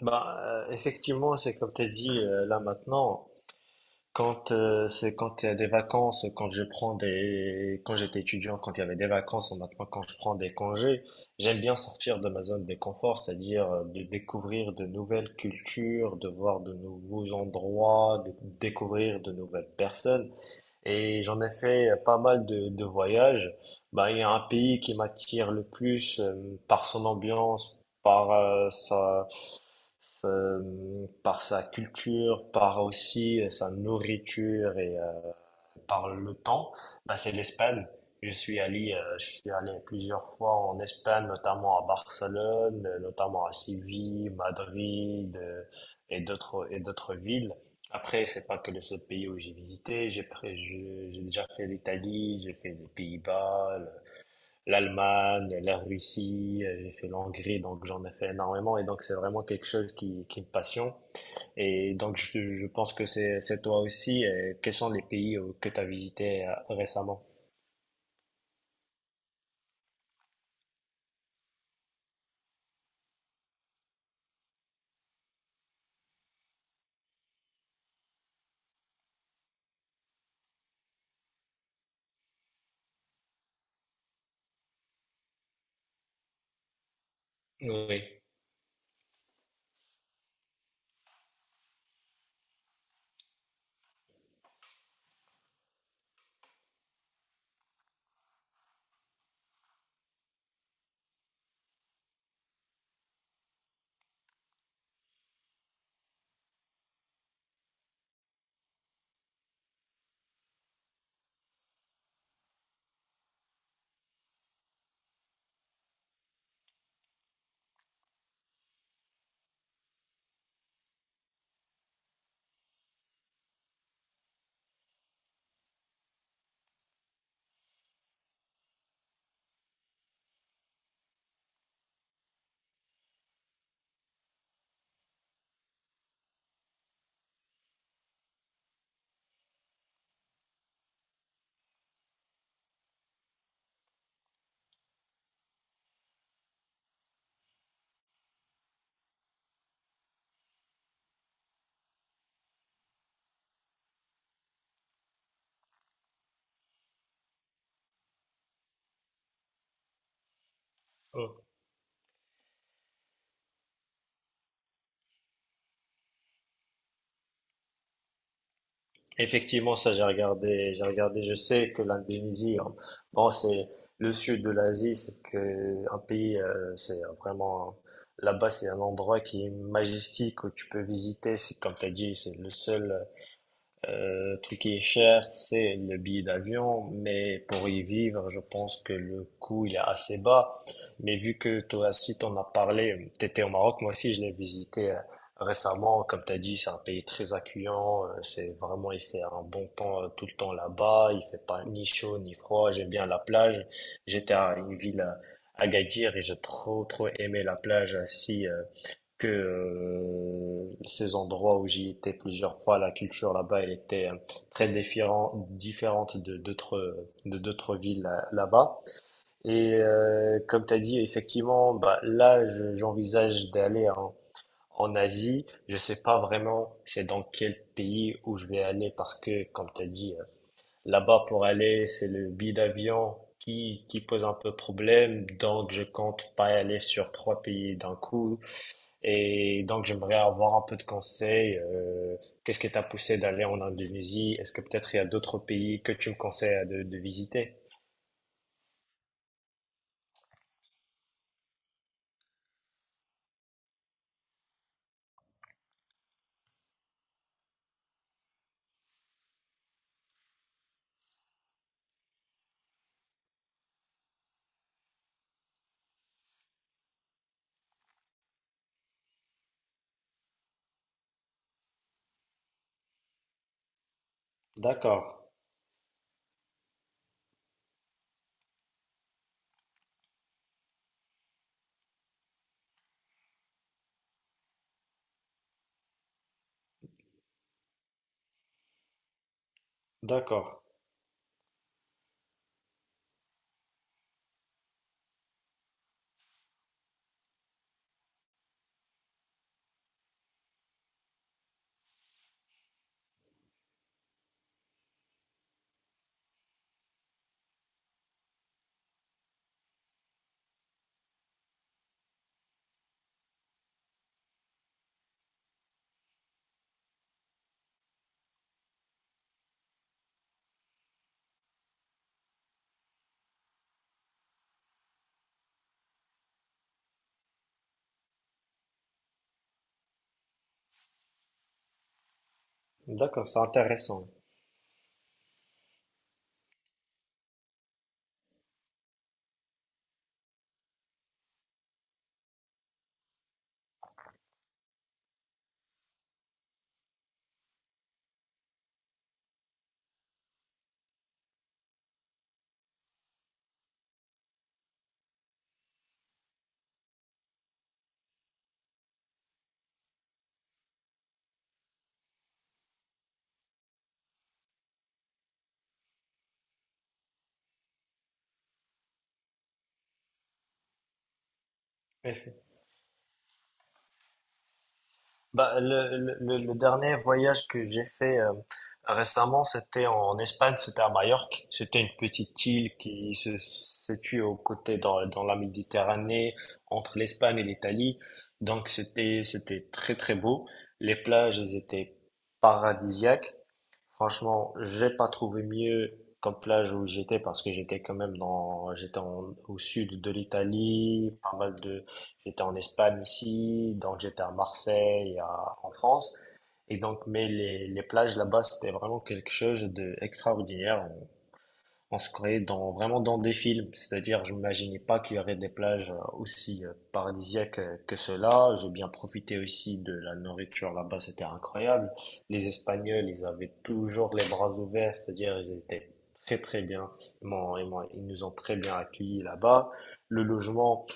Bah, effectivement, c'est comme tu as dit là maintenant. Quand c'est quand il y a des vacances, quand je prends des, quand j'étais étudiant, quand il y avait des vacances, ou maintenant quand je prends des congés, j'aime bien sortir de ma zone de confort, c'est-à-dire de découvrir de nouvelles cultures, de voir de nouveaux endroits, de découvrir de nouvelles personnes. Et j'en ai fait pas mal de voyages. Bah, il y a un pays qui m'attire le plus par son ambiance, par sa culture, par aussi sa nourriture et par le temps, bah, c'est l'Espagne. Je suis allé plusieurs fois en Espagne, notamment à Barcelone, notamment à Séville, Madrid, et d'autres villes. Après, c'est pas que le seul pays où j'ai visité. J'ai déjà fait l'Italie, j'ai fait les Pays-Bas, l'Allemagne, la Russie, j'ai fait l'Hongrie, donc j'en ai fait énormément et donc c'est vraiment quelque chose qui me passionne. Et donc je pense que c'est toi aussi. Quels sont les pays que tu as visités récemment? Oui. Mm. Effectivement, ça j'ai regardé, je sais que l'Indonésie, bon, c'est le sud de l'Asie, c'est que un pays, c'est vraiment là-bas, c'est un endroit qui est majestique où tu peux visiter. C'est comme tu as dit, c'est le seul truc qui est cher, c'est le billet d'avion, mais pour y vivre, je pense que le coût il est assez bas. Mais vu que toi aussi t'en as parlé, t'étais au Maroc, moi aussi je l'ai visité récemment. Comme t'as dit, c'est un pays très accueillant. C'est vraiment, il fait un bon temps tout le temps là-bas. Il fait pas ni chaud ni froid. J'aime bien la plage. J'étais à une ville à Agadir et j'ai trop trop aimé la plage. Assis que ces endroits où j'y étais plusieurs fois, la culture là-bas, elle était différente de d'autres villes là-bas. Et comme tu as dit, effectivement, bah, là, j'envisage d'aller en Asie. Je sais pas vraiment c'est dans quel pays où je vais aller parce que, comme tu as dit, là-bas pour aller, c'est le billet d'avion qui pose un peu problème. Donc, je compte pas aller sur trois pays d'un coup et donc, j'aimerais avoir un peu de conseils. Qu'est-ce qui t'a poussé d'aller en Indonésie? Est-ce que peut-être il y a d'autres pays que tu me conseilles de visiter? D'accord, d'accord, d'accord, c'est intéressant. Bah, le dernier voyage que j'ai fait récemment, c'était en Espagne, c'était à Majorque. C'était une petite île qui se situe aux côtés dans la Méditerranée, entre l'Espagne et l'Italie. Donc c'était très très beau. Les plages, elles étaient paradisiaques. Franchement, j'ai pas trouvé mieux comme plage où j'étais parce que j'étais quand même au sud de l'Italie, pas mal de, j'étais en Espagne ici, donc j'étais à Marseille, en France. Et donc, mais les plages là-bas, c'était vraiment quelque chose d'extraordinaire. On se croyait vraiment dans des films, c'est-à-dire je m'imaginais pas qu'il y aurait des plages aussi paradisiaques que cela. J'ai bien profité aussi de la nourriture là-bas, c'était incroyable. Les Espagnols, ils avaient toujours les bras ouverts, c'est-à-dire ils étaient très très bien. Ils nous ont très bien accueillis là-bas. Le logement,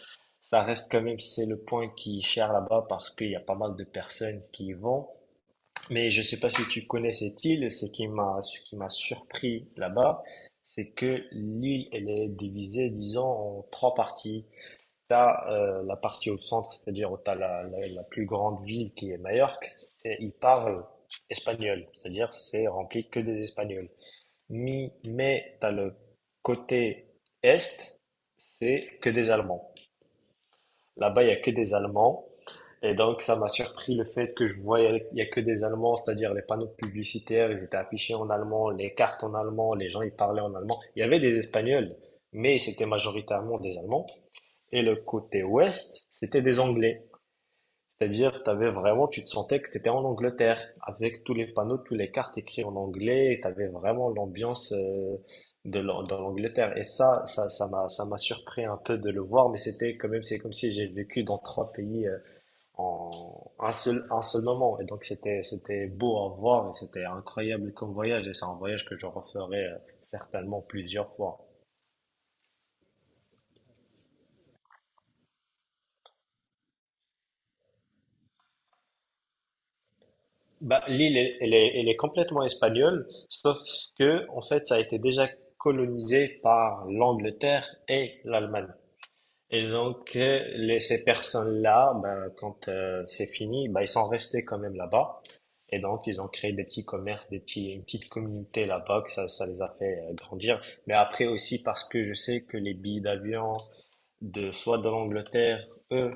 ça reste quand même, c'est le point qui est cher là-bas parce qu'il y a pas mal de personnes qui y vont. Mais je ne sais pas si tu connais cette île, ce qui m'a surpris là-bas, c'est que l'île, elle est divisée, disons, en trois parties. Tu as la partie au centre, c'est-à-dire où tu as la plus grande ville qui est Majorque, et ils parlent espagnol, c'est-à-dire c'est rempli que des Espagnols. Mais tu as le côté est, c'est que des Allemands. Là-bas, il y a que des Allemands. Et donc, ça m'a surpris le fait que je voyais, il y a que des Allemands, c'est-à-dire les panneaux publicitaires, ils étaient affichés en allemand, les cartes en allemand, les gens, ils parlaient en allemand. Il y avait des Espagnols, mais c'était majoritairement des Allemands. Et le côté ouest, c'était des Anglais. C'est-à-dire, t'avais vraiment, tu te sentais que tu étais en Angleterre, avec tous les panneaux, toutes les cartes écrites en anglais, et tu avais vraiment l'ambiance dans l'Angleterre. Et ça m'a surpris un peu de le voir, mais c'était quand même, c'est comme si j'ai vécu dans trois pays en un seul moment. Et donc, c'était beau à voir, et c'était incroyable comme voyage, et c'est un voyage que je referai certainement plusieurs fois. Bah, l'île, elle est complètement espagnole, sauf que, en fait, ça a été déjà colonisé par l'Angleterre et l'Allemagne. Et donc, ces personnes-là, ben, quand c'est fini, ben, ils sont restés quand même là-bas. Et donc, ils ont créé des petits commerces, des petits, une petite communauté là-bas, que ça les a fait grandir. Mais après aussi, parce que je sais que les billets d'avion, de soit de l'Angleterre, eux,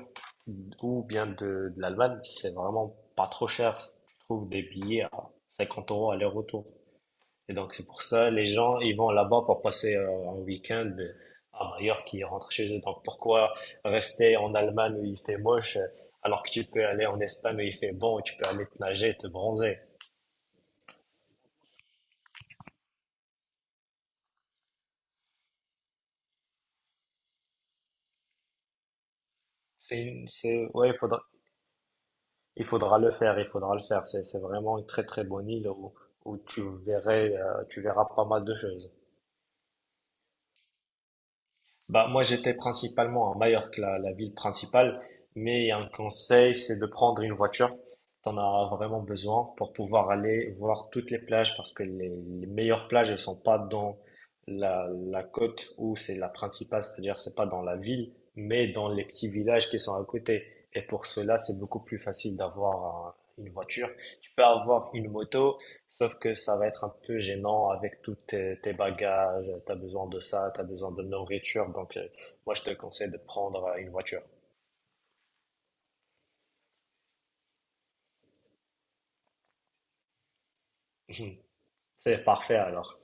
ou bien de l'Allemagne, c'est vraiment pas trop cher. Tu trouves des billets à 50 euros aller-retour. Et donc, c'est pour ça, les gens, ils vont là-bas pour passer un week-end à Majorque, ils rentrent chez eux. Donc, pourquoi rester en Allemagne où il fait moche, alors que tu peux aller en Espagne où il fait bon, et tu peux aller te nager, te bronzer. Ouais, il faudra, il faudra il faudra le faire. C'est vraiment une très, très bonne île où, où tu verras pas mal de choses. Bah, moi, j'étais principalement à Majorque, la ville principale, mais un conseil, c'est de prendre une voiture. Tu en as vraiment besoin pour pouvoir aller voir toutes les plages parce que les meilleures plages, elles sont pas dans la côte où c'est la principale, c'est-à-dire c'est pas dans la ville, mais dans les petits villages qui sont à côté. Et pour cela, c'est beaucoup plus facile une voiture. Tu peux avoir une moto, sauf que ça va être un peu gênant avec tous tes bagages, t'as besoin de ça, t'as besoin de nourriture, donc moi je te conseille de prendre une voiture. C'est parfait alors.